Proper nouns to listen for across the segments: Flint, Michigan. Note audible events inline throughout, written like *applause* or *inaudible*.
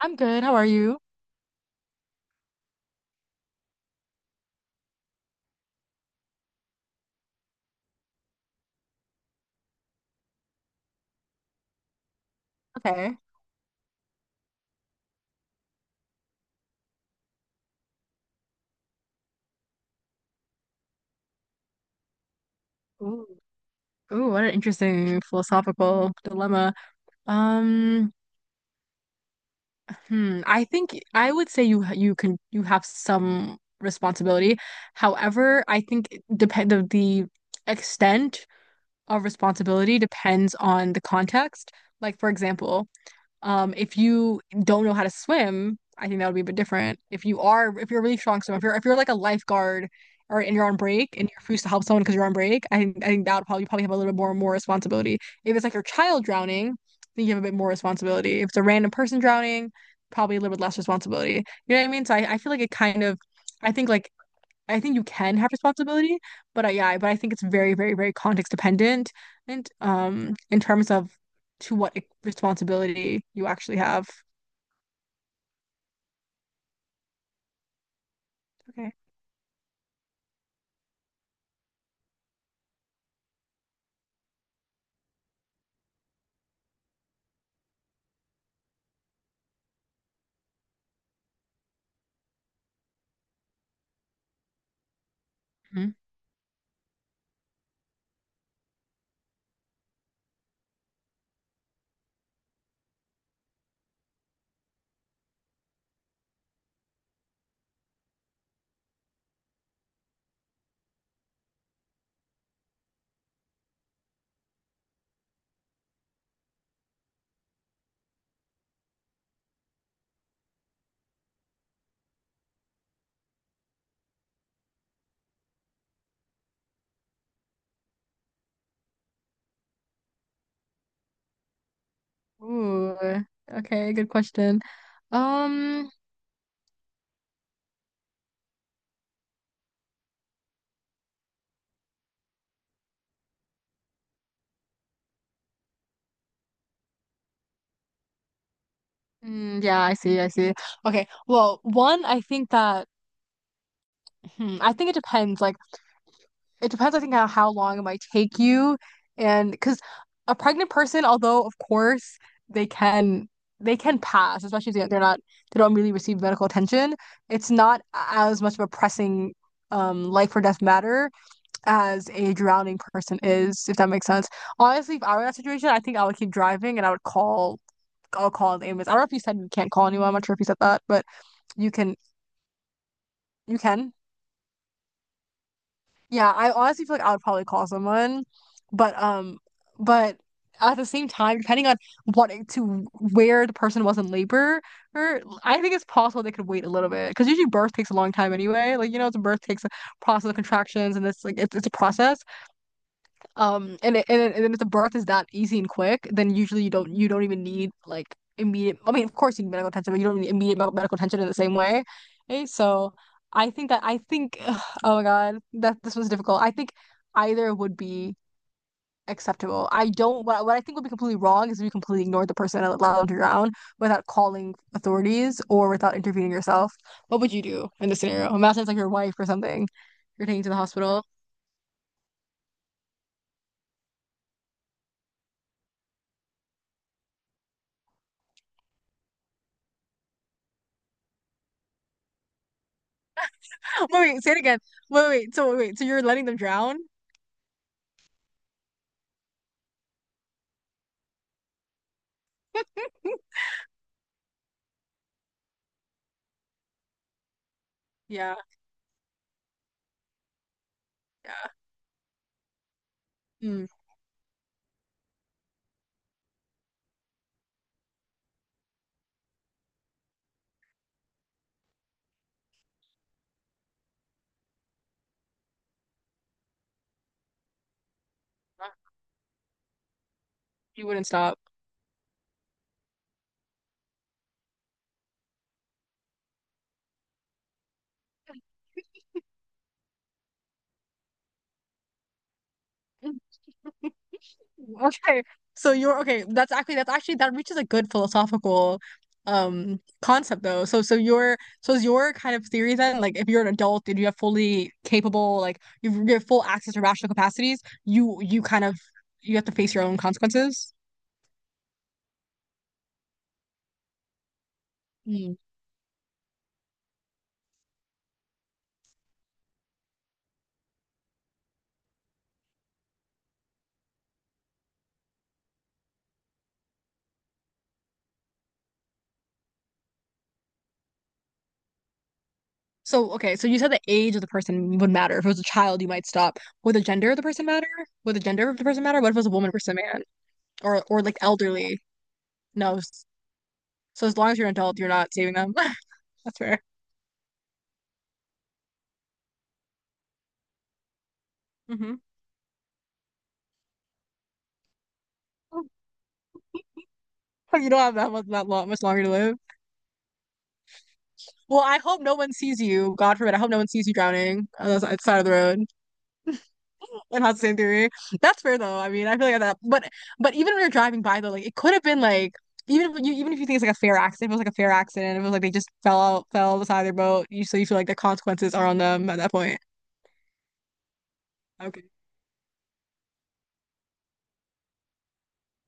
I'm good. How are you? Okay. Ooh. Ooh, what an interesting philosophical dilemma. Um, I think I would say you have some responsibility. However, I think it depend of the extent of responsibility depends on the context. Like for example, if you don't know how to swim, I think that would be a bit different. If you're a really strong swimmer, if you're like a lifeguard or and you're on break and you're forced to help someone because you're on break, I think that would probably you probably have a little bit more responsibility. If it's like your child drowning, I think you have a bit more responsibility. If it's a random person drowning, probably a little bit less responsibility. You know what I mean? So I feel like I think like I think you can have responsibility, yeah, but I think it's very, very, very context dependent and in terms of responsibility you actually have. Okay. Mhm. Ooh. Okay, good question. Um yeah, I see, I see. Okay. Well, one, I think that I think it depends. Like it depends, I think, on how long it might take you. And because a pregnant person, although of course they can they can pass, especially if they don't really receive medical attention, it's not as much of a pressing life or death matter as a drowning person is, if that makes sense. Honestly, if I were in that situation, I think I would keep driving and I'll call the ambulance. I don't know if you said you can't call anyone. I'm not sure if you said that, but you can you can. Yeah, I honestly feel like I would probably call someone, but um, but at the same time, depending on what to where the person was in labor, or I think it's possible they could wait a little bit because usually birth takes a long time anyway. Like you know, the birth takes a process of contractions and it's like it's a process. And if the birth is that easy and quick, then usually you don't even need like immediate. I mean, of course you need medical attention, but you don't need immediate medical attention in the same way. Okay, so I think *sighs* ugh, oh my God, that this was difficult. I think either would be acceptable. I don't what I think would be completely wrong is if you completely ignore the person and allow them to drown without calling authorities or without intervening yourself. What would you do in this scenario? Imagine it's like your wife or something you're taking to the hospital. *laughs* Say it again. So you're letting them drown? Yeah, yeah. Mm, you wouldn't stop. *laughs* Okay. So you're okay. That's actually that reaches a good philosophical concept though. So is your kind of theory then like if you're an adult and you have fully capable like you have full access to rational capacities, you kind of you have to face your own consequences. So, okay, so you said the age of the person would matter. If it was a child, you might stop. Would the gender of the person matter? Would the gender of the person matter? What if it was a woman versus a man? Or like elderly? No. So as long as you're an adult, you're not saving them. *laughs* That's fair. Hmm. *laughs* You don't have that much that long, much longer to live. Well, I hope no one sees you. God forbid. I hope no one sees you drowning on the side of the road. It has the same theory. That's fair though. I mean, I feel like that. But even when you're driving by though, like it could have been like even if you think it's like a fair accident, if it was like a fair accident, if it was like they just fell beside their boat, you so you feel like the consequences are on them at that point. Okay.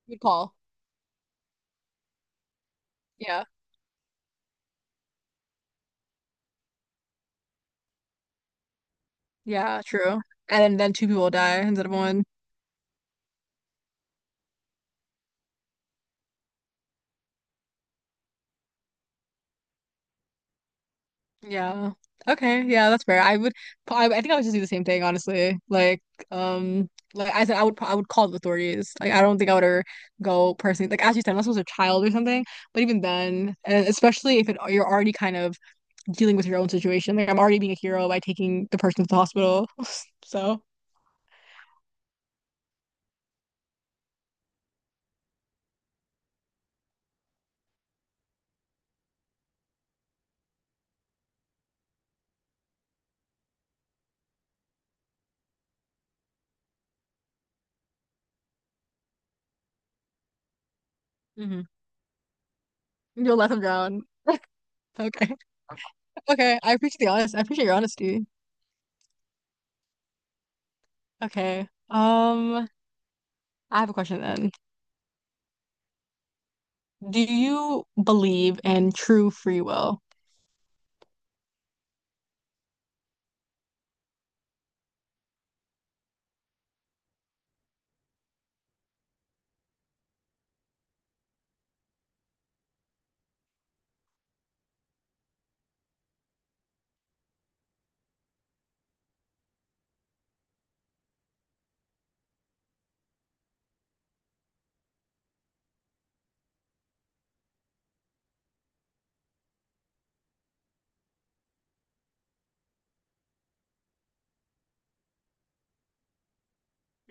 Good call. Yeah. Yeah, true. And then two people die instead of one. Yeah. Okay. Yeah, that's fair. I would. I think I would just do the same thing, honestly. Like I said, I would call the authorities. Like, I don't think I would ever go personally. Like, as you said, unless it was a child or something. But even then, and especially if it, you're already kind of dealing with your own situation. Like, I'm already being a hero by taking the person to the hospital. *laughs* So, Mhm. you'll let them drown. *laughs* Okay. Okay, I appreciate the honest. I appreciate your honesty. Okay. I have a question then. Do you believe in true free will?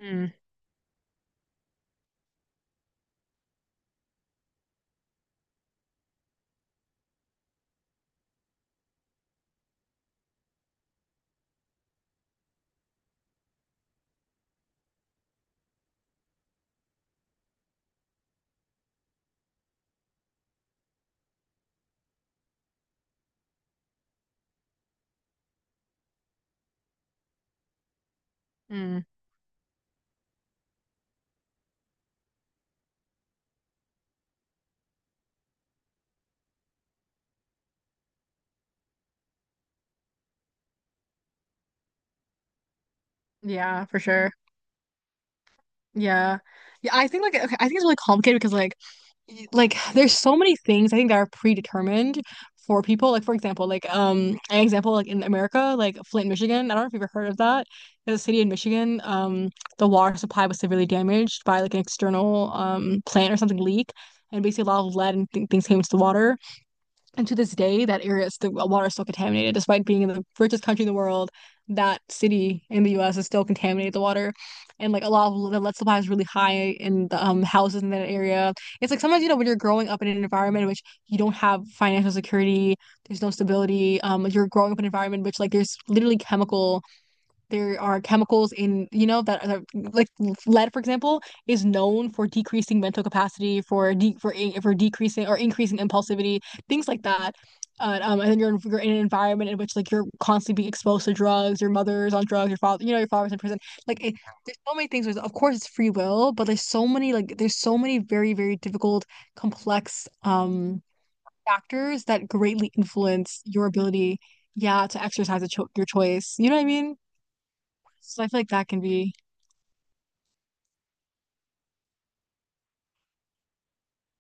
Mm, mm, yeah, for sure. Yeah. Yeah, I think like okay, I think it's really complicated because like like there's so many things I think that are predetermined for people. Like for example, like an example like in America, like Flint, Michigan. I don't know if you've ever heard of that. There's a city in Michigan. The water supply was severely damaged by like an external plant or something leak, and basically a lot of lead and th things came into the water. And to this day, that area is the water is still contaminated, despite being in the richest country in the world. That city in the U.S. is still contaminated the water, and like a lot of the lead supply is really high in the houses in that area. It's like sometimes you know when you're growing up in an environment in which you don't have financial security, there's no stability. You're growing up in an environment in which like there are chemicals in, you know, that are, like lead, for example, is known for decreasing mental capacity, for de for in- for decreasing or increasing impulsivity, things like that. And then you're in an environment in which like you're constantly being exposed to drugs. Your mother's on drugs. Your father, you know, your father's in prison. Like, it, there's so many things. There's, of course, it's free will, but there's so many like there's so many very very difficult, complex factors that greatly influence your ability, yeah, to exercise a cho your choice. You know what I mean? So I feel like that can be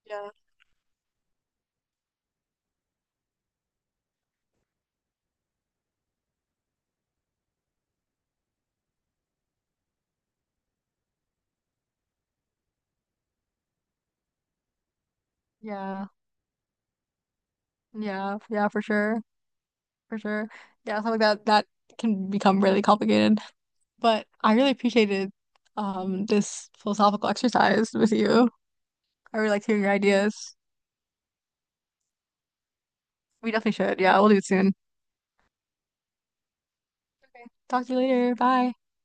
Yeah, yeah, yeah, for sure, for sure. Yeah, something like that that can become really complicated. But I really appreciated this philosophical exercise with you. I really liked hearing your ideas. We definitely should. Yeah, we'll do it soon. Okay. Talk to you later. Bye.